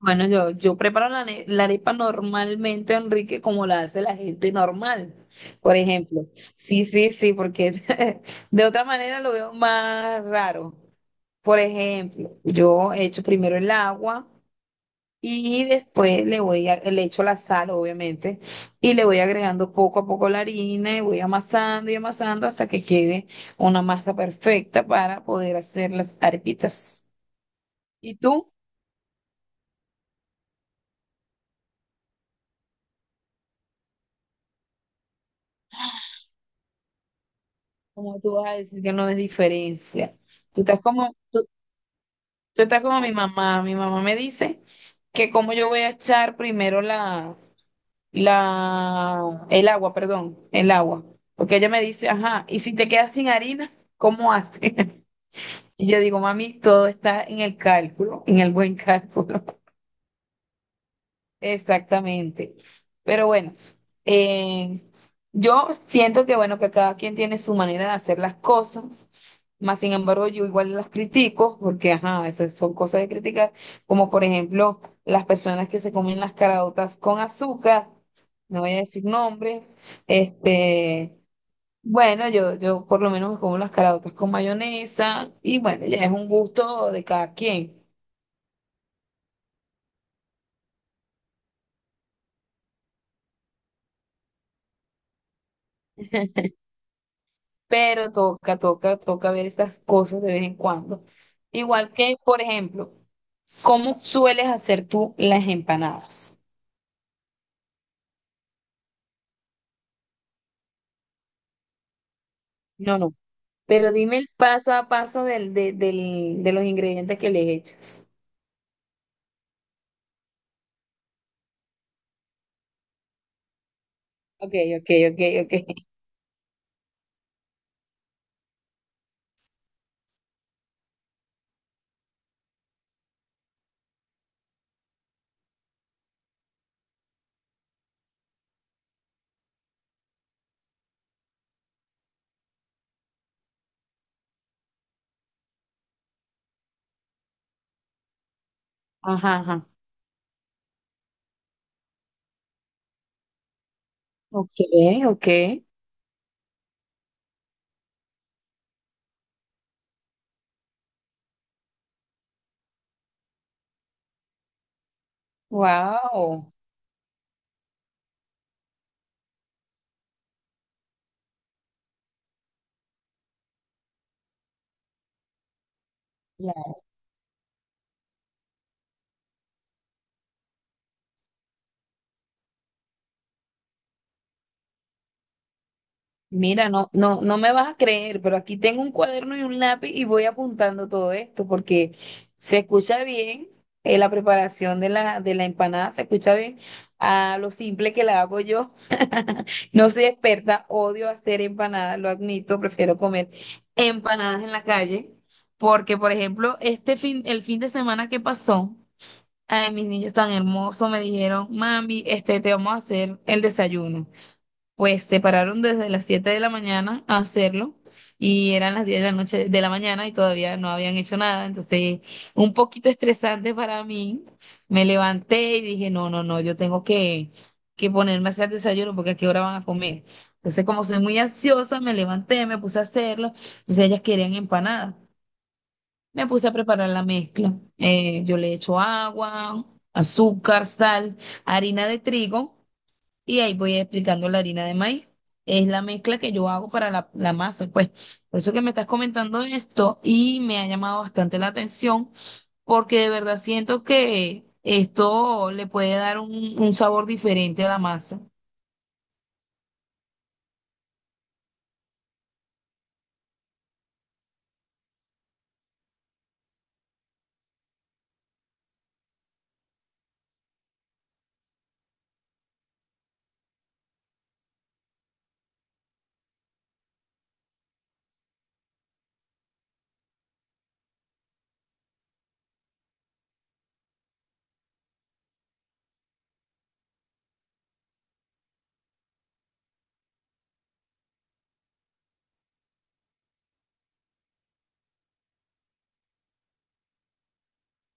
Bueno, yo preparo la arepa normalmente, Enrique, como la hace la gente normal, por ejemplo. Sí, sí, sí, porque de otra manera lo veo más raro. Por ejemplo, yo echo primero el agua y después le echo la sal, obviamente, y le voy agregando poco a poco la harina y voy amasando y amasando hasta que quede una masa perfecta para poder hacer las arepitas. ¿Y tú? Como tú vas a decir que no es diferencia? Tú estás como, tú, tú estás como mi mamá. Mi mamá me dice que como yo voy a echar primero el agua, perdón, el agua. Porque ella me dice, ajá, y si te quedas sin harina, ¿cómo haces? Y yo digo, mami, todo está en el cálculo, en el buen cálculo. Exactamente. Pero bueno, eh, yo siento que bueno, que cada quien tiene su manera de hacer las cosas, más sin embargo yo igual las critico, porque ajá, esas son cosas de criticar, como por ejemplo las personas que se comen las caraotas con azúcar, no voy a decir nombre, este, bueno, yo por lo menos me como las caraotas con mayonesa, y bueno, ya es un gusto de cada quien. Pero toca, toca, toca ver estas cosas de vez en cuando. Igual que, por ejemplo, ¿cómo sueles hacer tú las empanadas? No, no. Pero dime el paso a paso de los ingredientes que le echas. Ok, ok, ok, ok. Ajá, ajá. Ok, ok. Wow. Mira, no, no, no me vas a creer, pero aquí tengo un cuaderno y un lápiz y voy apuntando todo esto porque se escucha bien, la preparación de de la empanada, se escucha bien a lo simple que la hago yo. No soy experta, odio hacer empanadas, lo admito, prefiero comer empanadas en la calle porque, por ejemplo, este fin, el fin de semana que pasó, ay, mis niños tan hermosos me dijeron, mami, te vamos a hacer el desayuno. Pues se pararon desde las 7 de la mañana a hacerlo y eran las 10 de la noche de la mañana y todavía no habían hecho nada, entonces un poquito estresante para mí. Me levanté y dije, no, no, no, yo tengo que ponerme a hacer desayuno porque a qué hora van a comer. Entonces como soy muy ansiosa, me levanté, me puse a hacerlo, entonces ellas querían empanadas. Me puse a preparar la mezcla. Yo le echo agua, azúcar, sal, harina de trigo. Y ahí voy explicando la harina de maíz. Es la mezcla que yo hago para la masa, pues. Por eso que me estás comentando esto y me ha llamado bastante la atención, porque de verdad siento que esto le puede dar un sabor diferente a la masa.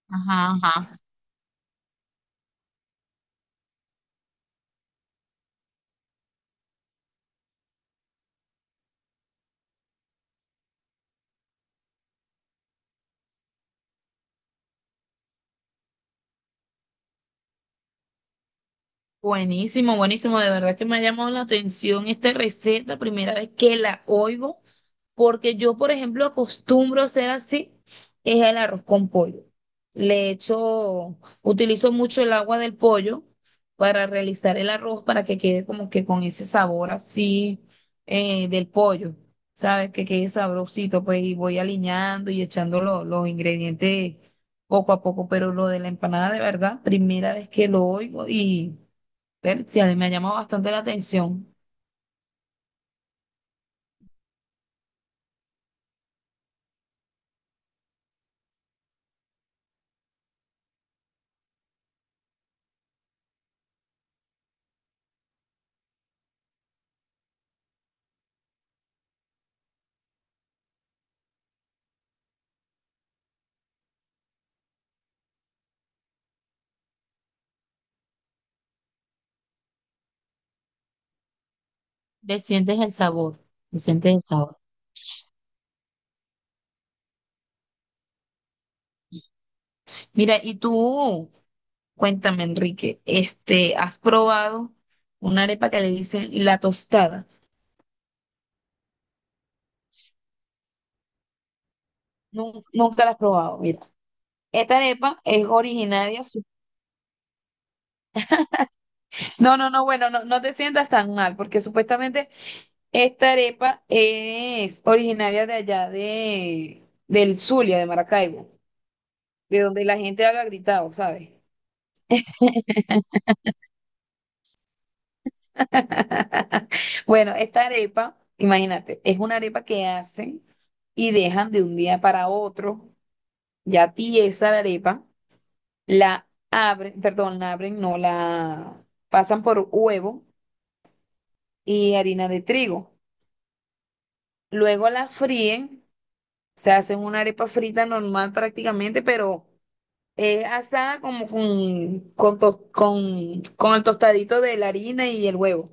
Ajá, ajá. Buenísimo, buenísimo. De verdad que me ha llamado la atención esta receta, primera vez que la oigo, porque yo, por ejemplo, acostumbro a hacer así, es el arroz con pollo. Utilizo mucho el agua del pollo para realizar el arroz para que quede como que con ese sabor así, del pollo, ¿sabes? Que quede sabrosito, pues, y voy aliñando y echando los ingredientes poco a poco, pero lo de la empanada, de verdad, primera vez que lo oigo, y Persia, me ha llamado bastante la atención. Le sientes el sabor, le sientes el sabor. Mira, y tú, cuéntame, Enrique, ¿has probado una arepa que le dicen la tostada? Nunca la has probado, mira. Esta arepa es originaria. No, no, no, bueno, no, no te sientas tan mal, porque supuestamente esta arepa es originaria de allá, del Zulia, de Maracaibo, de donde la gente habla gritado, ¿sabes? Bueno, esta arepa, imagínate, es una arepa que hacen y dejan de un día para otro, ya tiesa la arepa, la abren, perdón, la abren, no la pasan por huevo y harina de trigo. Luego la fríen, se hacen una arepa frita normal prácticamente, pero es asada como con el tostadito de la harina y el huevo.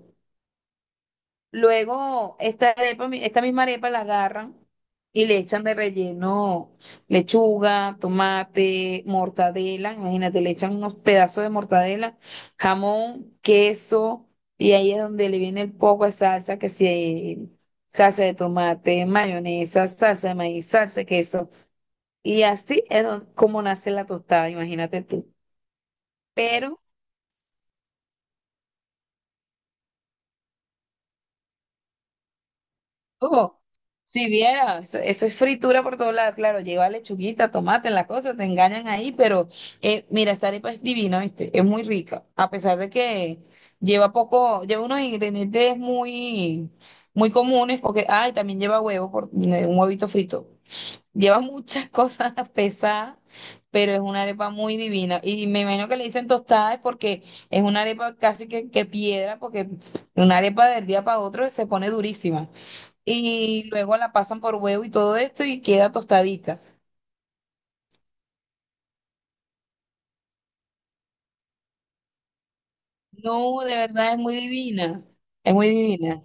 Luego, esta arepa, esta misma arepa la agarran y le echan de relleno lechuga, tomate, mortadela. Imagínate, le echan unos pedazos de mortadela, jamón, queso, y ahí es donde le viene el poco de salsa, que si salsa de tomate, mayonesa, salsa de maíz, salsa de queso. Y así es como nace la tostada, imagínate tú. Pero Oh, si vieras, eso es fritura por todos lados, claro, lleva lechuguita, tomate, la cosa, te engañan ahí, pero, mira, esta arepa es divina, ¿viste? Es muy rica, a pesar de que lleva poco, lleva unos ingredientes muy, muy comunes, porque, ay, también lleva huevo, un huevito frito. Lleva muchas cosas pesadas, pero es una arepa muy divina. Y me imagino que le dicen tostada es porque es una arepa casi que piedra, porque una arepa del día para otro se pone durísima y luego la pasan por huevo y todo esto y queda tostadita. No, de verdad es muy divina, es muy divina.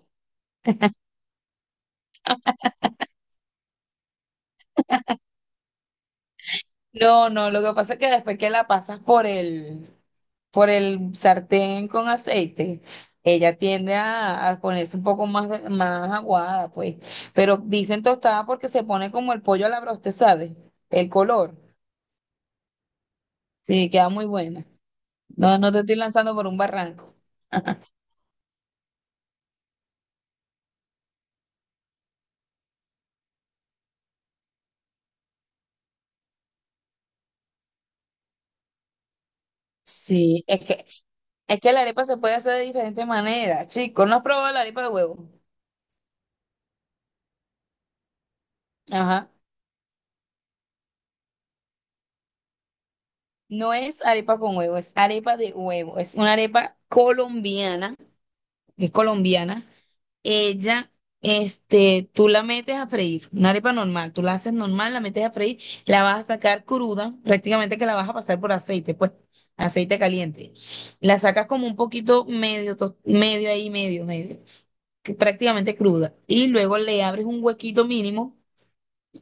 No, no, lo que pasa es que después que la pasas por por el sartén con aceite, ella tiende a ponerse un poco más, más aguada, pues. Pero dicen tostada porque se pone como el pollo a la broste, ¿sabes? El color. Sí, queda muy buena. No, no te estoy lanzando por un barranco. Sí, Es que la arepa se puede hacer de diferentes maneras, chicos. ¿No has probado la arepa de huevo? Ajá. No es arepa con huevo, es arepa de huevo. Es una arepa colombiana, es colombiana. Ella, tú la metes a freír, una arepa normal. Tú la haces normal, la metes a freír, la vas a sacar cruda, prácticamente que la vas a pasar por aceite, pues, aceite caliente. La sacas como un poquito medio, medio ahí, medio, que prácticamente cruda. Y luego le abres un huequito mínimo.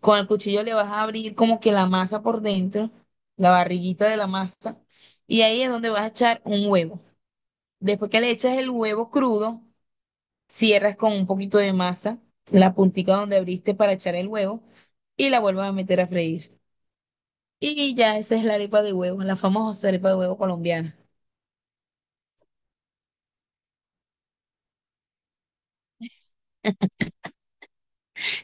Con el cuchillo le vas a abrir como que la masa por dentro, la barriguita de la masa, y ahí es donde vas a echar un huevo. Después que le echas el huevo crudo, cierras con un poquito de masa, la puntica donde abriste para echar el huevo, y la vuelves a meter a freír. Y ya esa es la arepa de huevo, la famosa arepa de huevo colombiana.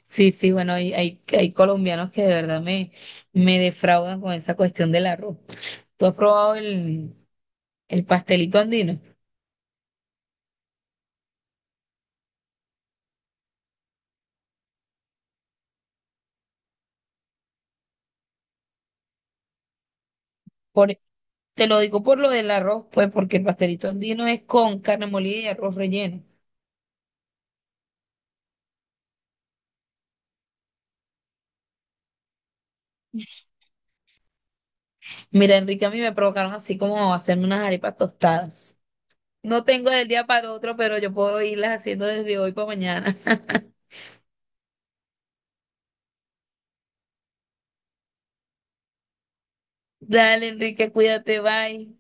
Sí, sí, bueno, hay colombianos que de verdad me defraudan con esa cuestión del arroz. ¿Tú has probado el pastelito andino? Por, Te lo digo por lo del arroz, pues, porque el pastelito andino es con carne molida y arroz relleno. Mira, Enrique, a mí me provocaron así como hacerme unas arepas tostadas. No tengo del día para otro, pero yo puedo irlas haciendo desde hoy para mañana. Dale, Enrique, cuídate, bye.